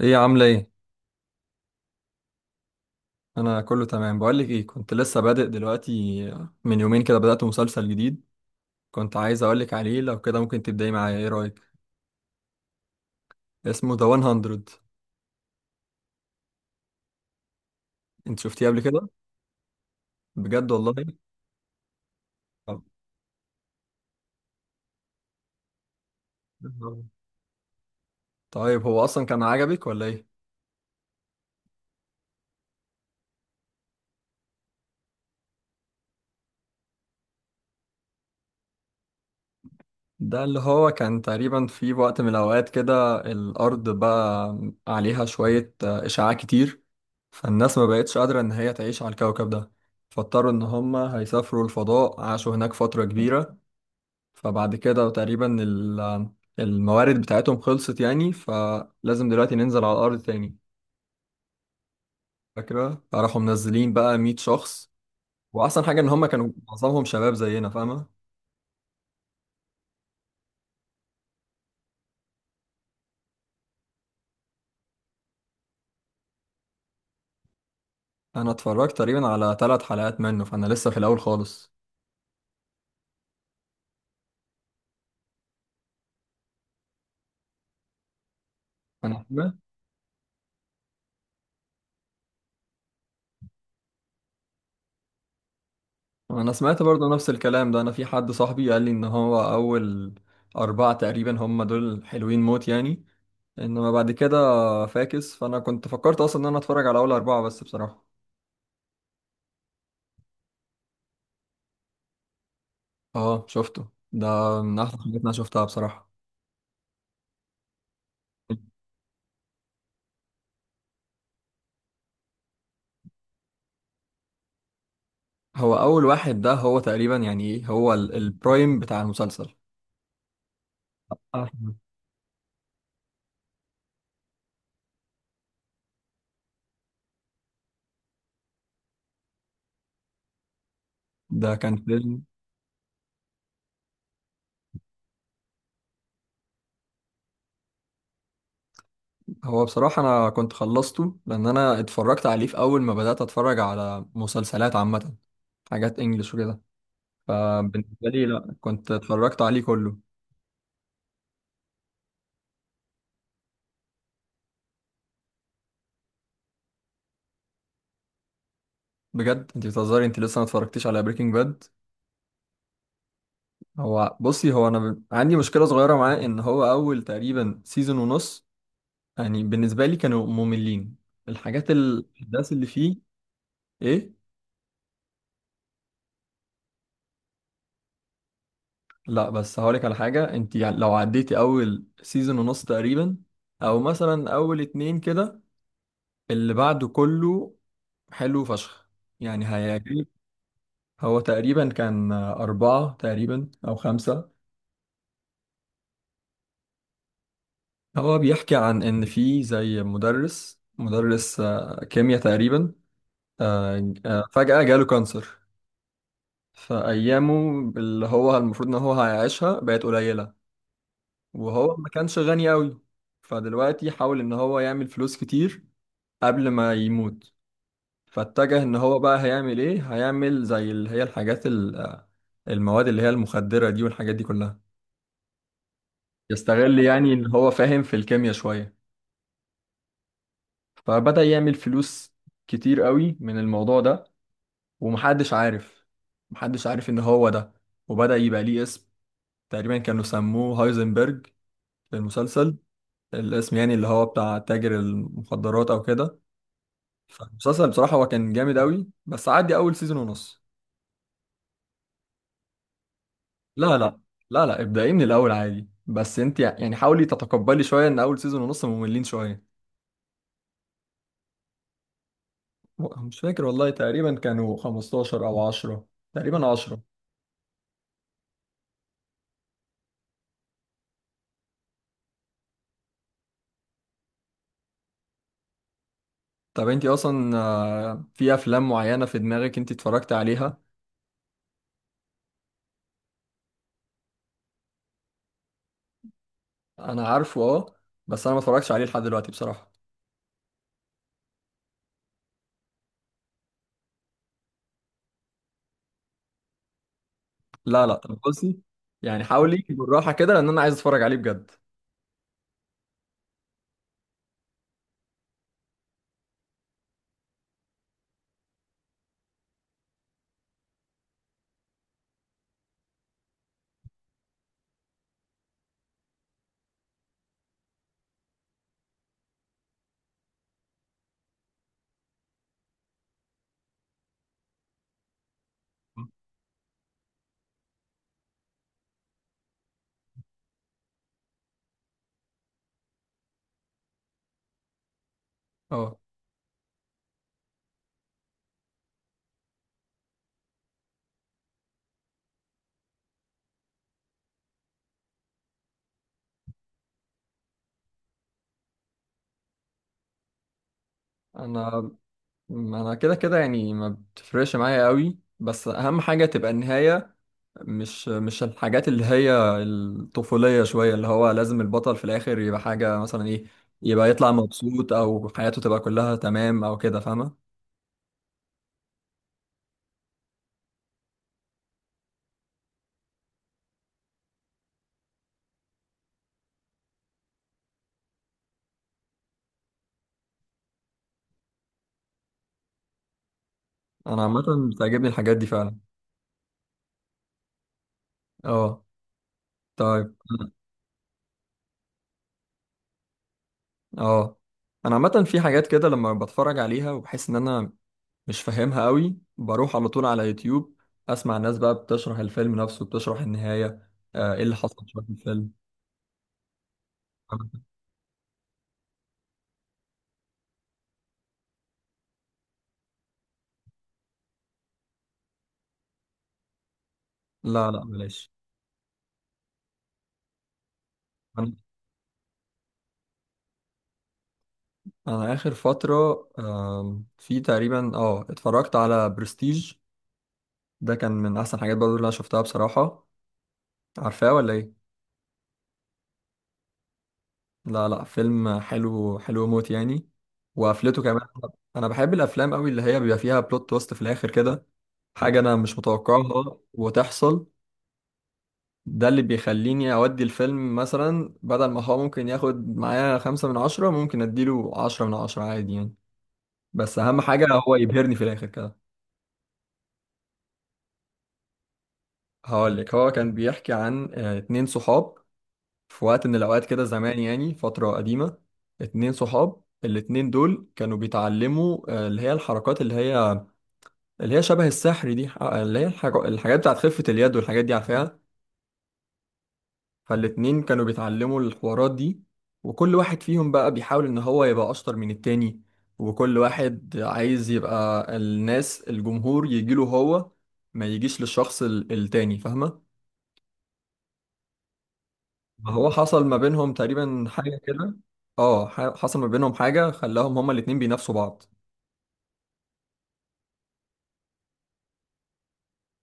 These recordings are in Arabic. ايه عاملة ايه؟ انا كله تمام. بقولك ايه، كنت لسه بادئ دلوقتي. من يومين كده بدأت مسلسل جديد. كنت عايز اقولك عليه، لو كده ممكن تبدأي معايا، ايه رأيك؟ اسمه ذا 100. انت شفتيه قبل كده؟ بجد والله؟ طب- طيب هو اصلا كان عجبك ولا ايه؟ ده اللي هو كان تقريبا في وقت من الاوقات كده الارض بقى عليها شوية اشعاع كتير. فالناس ما بقتش قادرة ان هي تعيش على الكوكب ده. فاضطروا ان هم هيسافروا الفضاء، عاشوا هناك فترة كبيرة. فبعد كده تقريبا الموارد بتاعتهم خلصت يعني، فلازم دلوقتي ننزل على الأرض تاني. فاكرة؟ فراحوا منزلين بقى 100 شخص. وأحسن حاجة إن هما كانوا معظمهم شباب زينا، فاهمة؟ أنا اتفرجت تقريبا على 3 حلقات منه، فأنا لسه في الأول خالص. أنا سمعت أنا سمعت برضه نفس الكلام ده، أنا في حد صاحبي قال لي إن هو أول 4 تقريبا هما دول حلوين موت يعني. إنما بعد كده فاكس، فأنا كنت فكرت أصلا إن أنا أتفرج على أول 4 بس بصراحة. اه، شفته ده، من احسن الحاجات اللي انا شفتها بصراحة. هو اول واحد ده هو تقريبا يعني ايه، هو البرايم بتاع المسلسل. اه ده كان فيلم. هو بصراحة انا كنت خلصته لان انا اتفرجت عليه في اول ما بدأت اتفرج على مسلسلات عامة، حاجات انجلش وكده. فبالنسبة لي، لا، كنت اتفرجت عليه كله. بجد، انت بتهزري، انت لسه ما اتفرجتيش على بريكنج باد؟ هو بصي، هو انا عندي مشكلة صغيرة معاه، ان هو اول تقريبا سيزون ونص يعني بالنسبة لي كانوا مملين، الحاجات، الأحداث اللي فيه. إيه؟ لا بس هقولك على حاجة، أنت يعني لو عديتي أول سيزون ونص تقريبا، أو مثلا أول 2 كده، اللي بعده كله حلو فشخ، يعني هيعجبك. هو تقريبا كان أربعة تقريبا أو خمسة. هو بيحكي عن إن في زي مدرس كيمياء تقريبا. فجأة جاله كانسر. فأيامه، اللي هو المفروض إن هو هيعيشها، بقت قليلة. وهو ما كانش غني أوي. فدلوقتي حاول إن هو يعمل فلوس كتير قبل ما يموت. فاتجه إن هو بقى هيعمل إيه، هيعمل زي اللي هي الحاجات المواد اللي هي المخدرة دي والحاجات دي كلها. يستغل يعني إن هو فاهم في الكيمياء شوية. فبدأ يعمل فلوس كتير أوي من الموضوع ده. ومحدش عارف، محدش عارف إن هو ده. وبدأ يبقى ليه اسم، تقريبا كانوا سموه هايزنبرج في المسلسل. الاسم يعني اللي هو بتاع تاجر المخدرات أو كده. فالمسلسل بصراحة هو كان جامد أوي، بس عدي أول سيزون ونص. لا لا، لا لا، ابدأي من الأول عادي، بس أنت يعني حاولي تتقبلي شوية إن أول سيزون ونص مملين شوية. مش فاكر والله، تقريبا كانوا 15 أو 10، تقريبا 10. طب أنت أصلا في أفلام معينة في دماغك أنت اتفرجت عليها؟ أنا عارفه، أه. بس أنا ما اتفرجتش عليه لحد دلوقتي بصراحة. لا لا، طب بصي، يعني حاولي بالراحة كده لأن أنا عايز أتفرج عليه بجد. أه. أنا ما انا كده كده، يعني ما بتفرقش معايا قوي، بس اهم حاجة تبقى النهاية، مش الحاجات اللي هي الطفولية شوية، اللي هو لازم البطل في الاخر يبقى حاجة مثلا ايه، يبقى يطلع مبسوط او حياته تبقى كلها تمام او كده، فاهمة؟ انا عامة بتعجبني الحاجات دي فعلا. اه، طيب. اه، انا عامة في حاجات كده لما بتفرج عليها وبحس ان انا مش فاهمها قوي، بروح على طول على يوتيوب، اسمع الناس بقى بتشرح الفيلم نفسه، بتشرح النهاية، ايه اللي حصل في الفيلم. لا لا، معلش. انا انا اخر فتره في تقريبا اتفرجت على برستيج، ده كان من احسن حاجات برضو اللي انا شفتها بصراحه. عارفاه ولا ايه؟ لا لا، فيلم حلو، حلو موت يعني، وقفلته كمان. انا بحب الافلام قوي اللي هي بيبقى فيها بلوت تويست في الاخر كده، حاجه انا مش متوقعها وتحصل. ده اللي بيخليني اودي الفيلم، مثلا بدل ما هو ممكن ياخد معايا 5 من 10، ممكن اديله 10 من 10 عادي يعني. بس اهم حاجه هو يبهرني في الاخر كده. هقول لك، هو كان بيحكي عن 2 صحاب في وقت من الأوقات كده زمان، يعني فترة قديمة. 2 صحاب، الاتنين دول كانوا بيتعلموا اللي هي الحركات اللي هي شبه السحر دي، اللي هي الحاجات بتاعت خفة اليد والحاجات دي، عارفاها؟ فالاتنين كانوا بيتعلموا الحوارات دي، وكل واحد فيهم بقى بيحاول إن هو يبقى أشطر من التاني، وكل واحد عايز يبقى الجمهور يجيله هو، ما يجيش للشخص التاني، فاهمة؟ ما هو حصل ما بينهم تقريبا حاجة كده. اه، حصل ما بينهم حاجة خلاهم هما الاتنين بينافسوا بعض.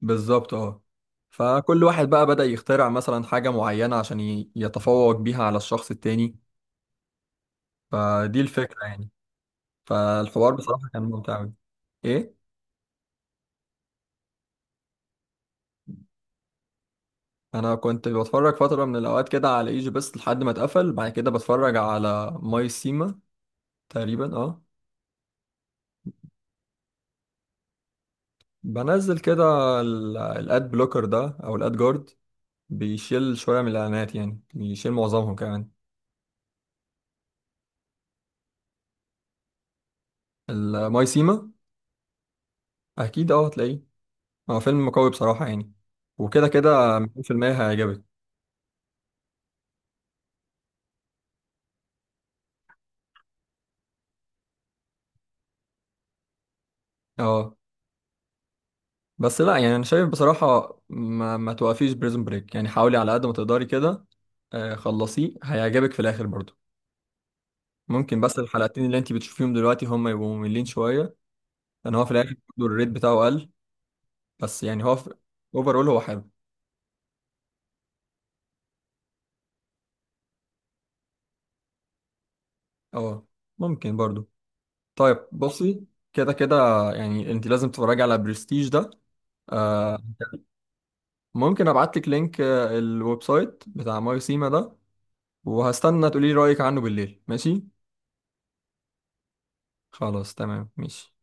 بالظبط، اه. فكل واحد بقى بدأ يخترع مثلا حاجة معينة عشان يتفوق بيها على الشخص التاني، فدي الفكرة يعني. فالحوار بصراحة كان ممتع أوي. ايه، انا كنت بتفرج فترة من الاوقات كده على ايجي، بس لحد ما اتقفل بعد كده بتفرج على ماي سيما تقريبا، اه. بنزل كده الاد بلوكر ده او الاد جارد، بيشيل شوية من الإعلانات، يعني بيشيل معظمهم كمان. المايسيما، أكيد أه هتلاقيه، هو فيلم قوي بصراحة يعني، وكده كده 200% هيعجبك. أه بس لا يعني، أنا شايف بصراحة ما توقفيش بريزون بريك، يعني حاولي على قد ما تقدري كده، خلصيه هيعجبك في الآخر برضه. ممكن بس الحلقتين اللي أنت بتشوفيهم دلوقتي هم يبقوا مملين شوية، لأن هو في الآخر برضه الريت بتاعه قل، بس يعني هو أوفرول هو حلو. أه ممكن برضه. طيب بصي، كده كده يعني انت لازم تتفرجي على برستيج ده. آه، ممكن ابعت لك لينك الويب سايت بتاع ماي سيما ده، وهستنى تقولي لي رأيك عنه بالليل، ماشي؟ خلاص تمام، ماشي.